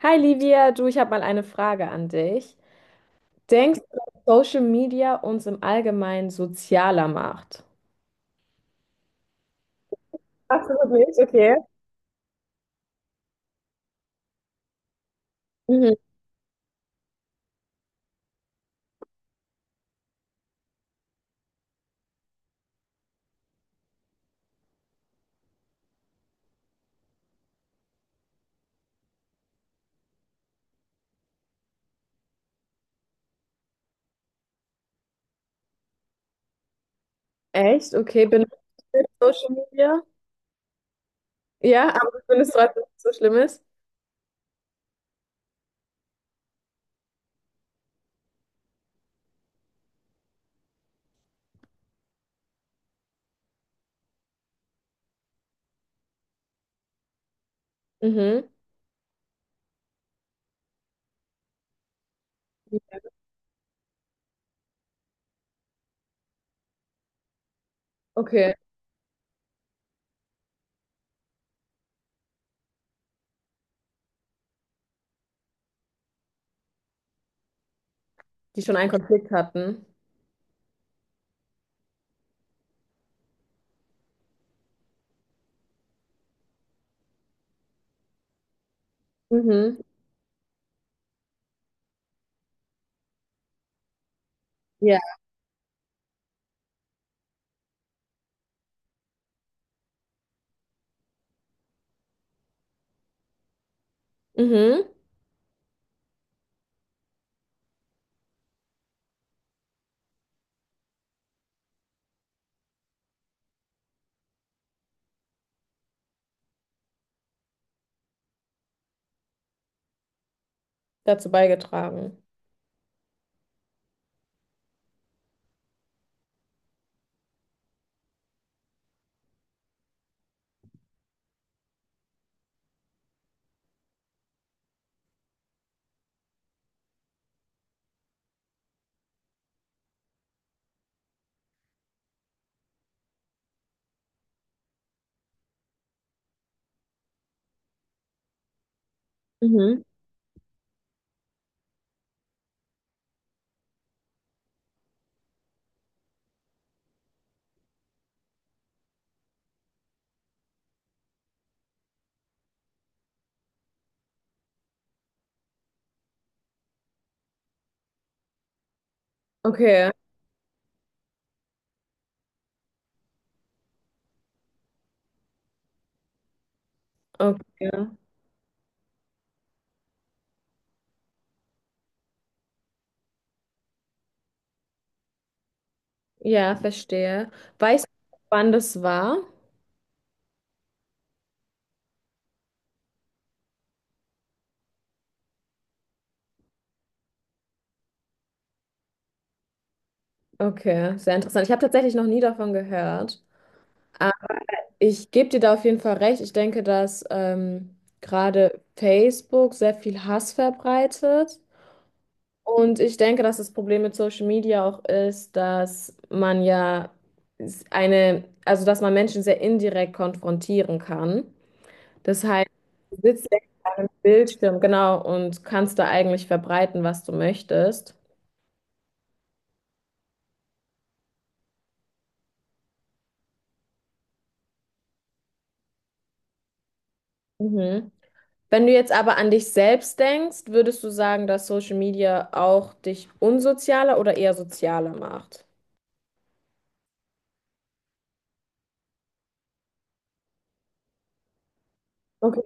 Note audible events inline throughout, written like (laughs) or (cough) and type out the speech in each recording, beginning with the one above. Hi Livia, du, ich habe mal eine Frage an dich. Denkst du, dass Social Media uns im Allgemeinen sozialer macht? Absolut nicht, okay. Mhm. Echt? Okay, benutzt du Social Media? Ja, aber das findest du, dass es so schlimm ist? Mhm. Okay, die schon einen Konflikt hatten. Mhm. Ja. Mhm. Dazu beigetragen. Mhm. Okay, okay. Ja, verstehe. Weißt du, wann das war? Okay, sehr interessant. Ich habe tatsächlich noch nie davon gehört. Ich gebe dir da auf jeden Fall recht. Ich denke, dass gerade Facebook sehr viel Hass verbreitet. Und ich denke, dass das Problem mit Social Media auch ist, dass man ja eine, also dass man Menschen sehr indirekt konfrontieren kann. Das heißt, du sitzt ja vor einem Bildschirm, genau, und kannst da eigentlich verbreiten, was du möchtest. Mhm. Wenn du jetzt aber an dich selbst denkst, würdest du sagen, dass Social Media auch dich unsozialer oder eher sozialer macht? Okay.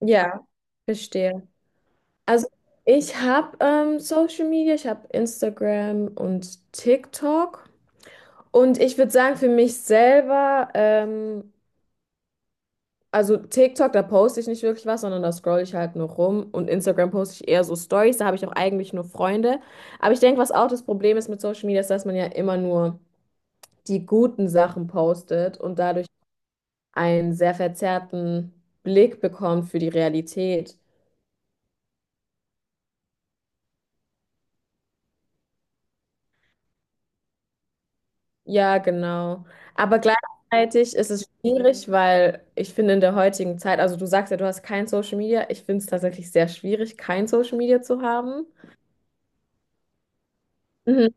Ja, verstehe. Also ich habe Social Media, ich habe Instagram und TikTok. Und ich würde sagen, für mich selber, also TikTok, da poste ich nicht wirklich was, sondern da scroll ich halt nur rum. Und Instagram poste ich eher so Stories, da habe ich auch eigentlich nur Freunde. Aber ich denke, was auch das Problem ist mit Social Media, ist, dass man ja immer nur die guten Sachen postet und dadurch einen sehr verzerrten Blick bekommt für die Realität. Ja, genau. Aber gleichzeitig ist es schwierig, weil ich finde in der heutigen Zeit, also du sagst ja, du hast kein Social Media. Ich finde es tatsächlich sehr schwierig, kein Social Media zu haben. Mhm.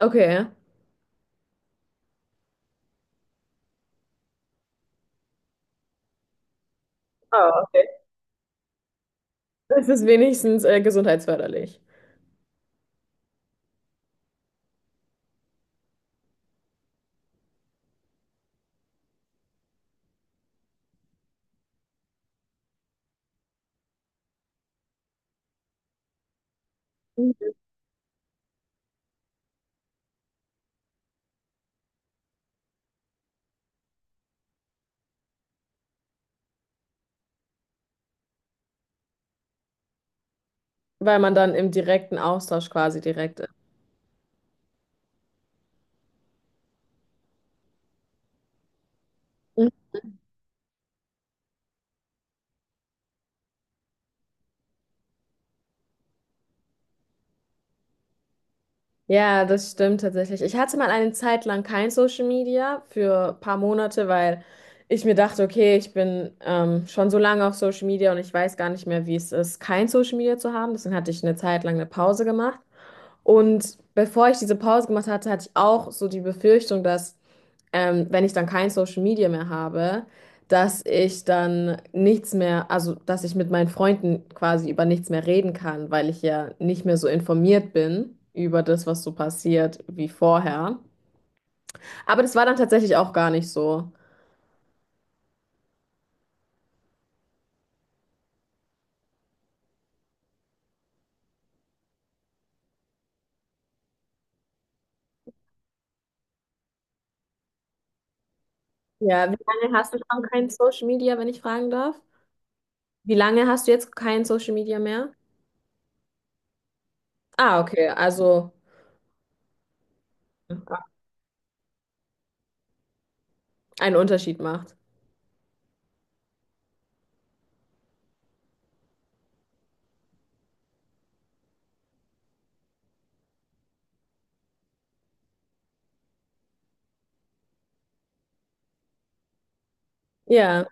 Okay. Oh, okay. Das ist wenigstens gesundheitsförderlich, weil man dann im direkten Austausch quasi direkt ist. Mhm. Ja, das stimmt tatsächlich. Ich hatte mal eine Zeit lang kein Social Media für ein paar Monate, weil ich mir dachte, okay, ich bin schon so lange auf Social Media und ich weiß gar nicht mehr, wie es ist, kein Social Media zu haben. Deswegen hatte ich eine Zeit lang eine Pause gemacht. Und bevor ich diese Pause gemacht hatte, hatte ich auch so die Befürchtung, dass wenn ich dann kein Social Media mehr habe, dass ich dann nichts mehr, also dass ich mit meinen Freunden quasi über nichts mehr reden kann, weil ich ja nicht mehr so informiert bin über das, was so passiert wie vorher. Aber das war dann tatsächlich auch gar nicht so. Ja, wie lange hast du schon kein Social Media, wenn ich fragen darf? Wie lange hast du jetzt kein Social Media mehr? Ah, okay, also einen Unterschied macht. Ja.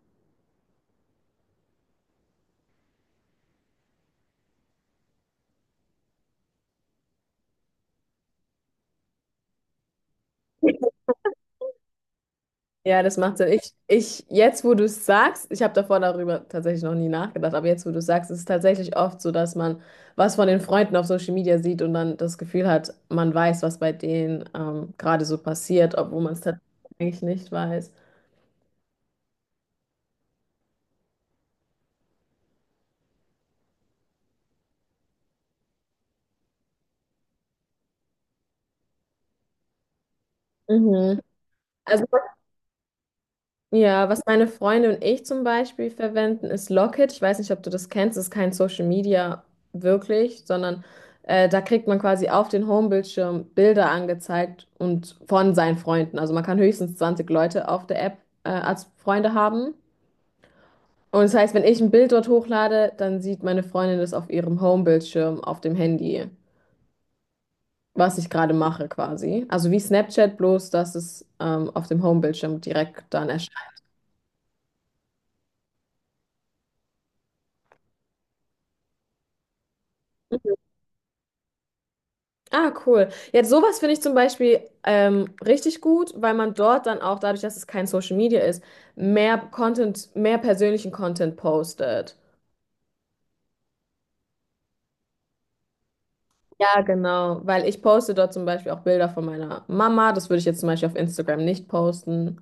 Ja, das macht Sinn. Jetzt, wo du es sagst, ich habe davor darüber tatsächlich noch nie nachgedacht, aber jetzt, wo du es sagst, ist es tatsächlich oft so, dass man was von den Freunden auf Social Media sieht und dann das Gefühl hat, man weiß, was bei denen gerade so passiert, obwohl man es tatsächlich nicht weiß. Mhm. Also ja, was meine Freunde und ich zum Beispiel verwenden, ist Locket. Ich weiß nicht, ob du das kennst. Das ist kein Social Media wirklich, sondern da kriegt man quasi auf den Homebildschirm Bilder angezeigt und von seinen Freunden. Also man kann höchstens 20 Leute auf der App als Freunde haben. Und das heißt, wenn ich ein Bild dort hochlade, dann sieht meine Freundin das auf ihrem Homebildschirm auf dem Handy, was ich gerade mache quasi. Also wie Snapchat, bloß dass es auf dem Homebildschirm direkt dann ah, cool. Jetzt sowas finde ich zum Beispiel richtig gut, weil man dort dann auch, dadurch, dass es kein Social Media ist, mehr Content, mehr persönlichen Content postet. Ja, genau. Weil ich poste dort zum Beispiel auch Bilder von meiner Mama. Das würde ich jetzt zum Beispiel auf Instagram nicht posten.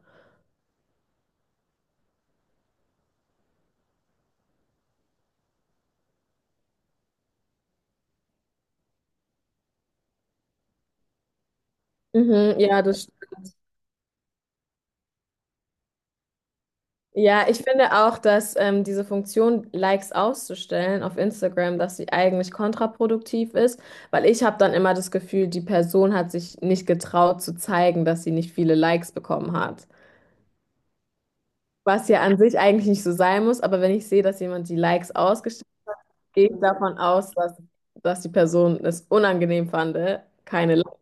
Mhm, ja, das stimmt. Ja, ich finde auch, dass diese Funktion, Likes auszustellen auf Instagram, dass sie eigentlich kontraproduktiv ist, weil ich habe dann immer das Gefühl, die Person hat sich nicht getraut zu zeigen, dass sie nicht viele Likes bekommen hat. Was ja an sich eigentlich nicht so sein muss, aber wenn ich sehe, dass jemand die Likes ausgestellt hat, gehe ich davon aus, dass, dass die Person es unangenehm fand, keine Likes.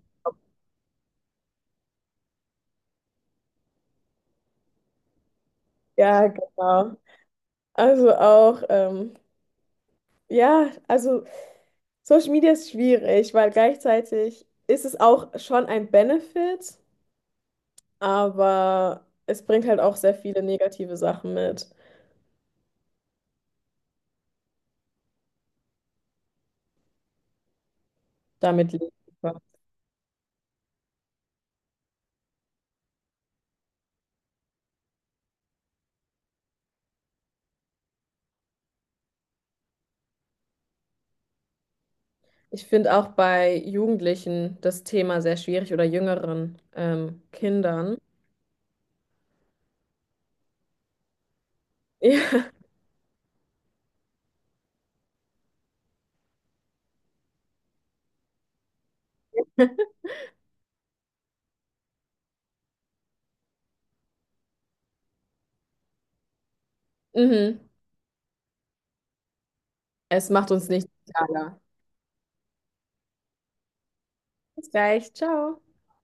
Ja, genau. Also auch, ja, also. Social Media ist schwierig, weil gleichzeitig ist es auch schon ein Benefit, aber es bringt halt auch sehr viele negative Sachen mit. Damit leben wir. Ich finde auch bei Jugendlichen das Thema sehr schwierig oder jüngeren Kindern. (laughs) Ja. Mhm. Es macht uns nicht sozialer. Bis gleich, ciao.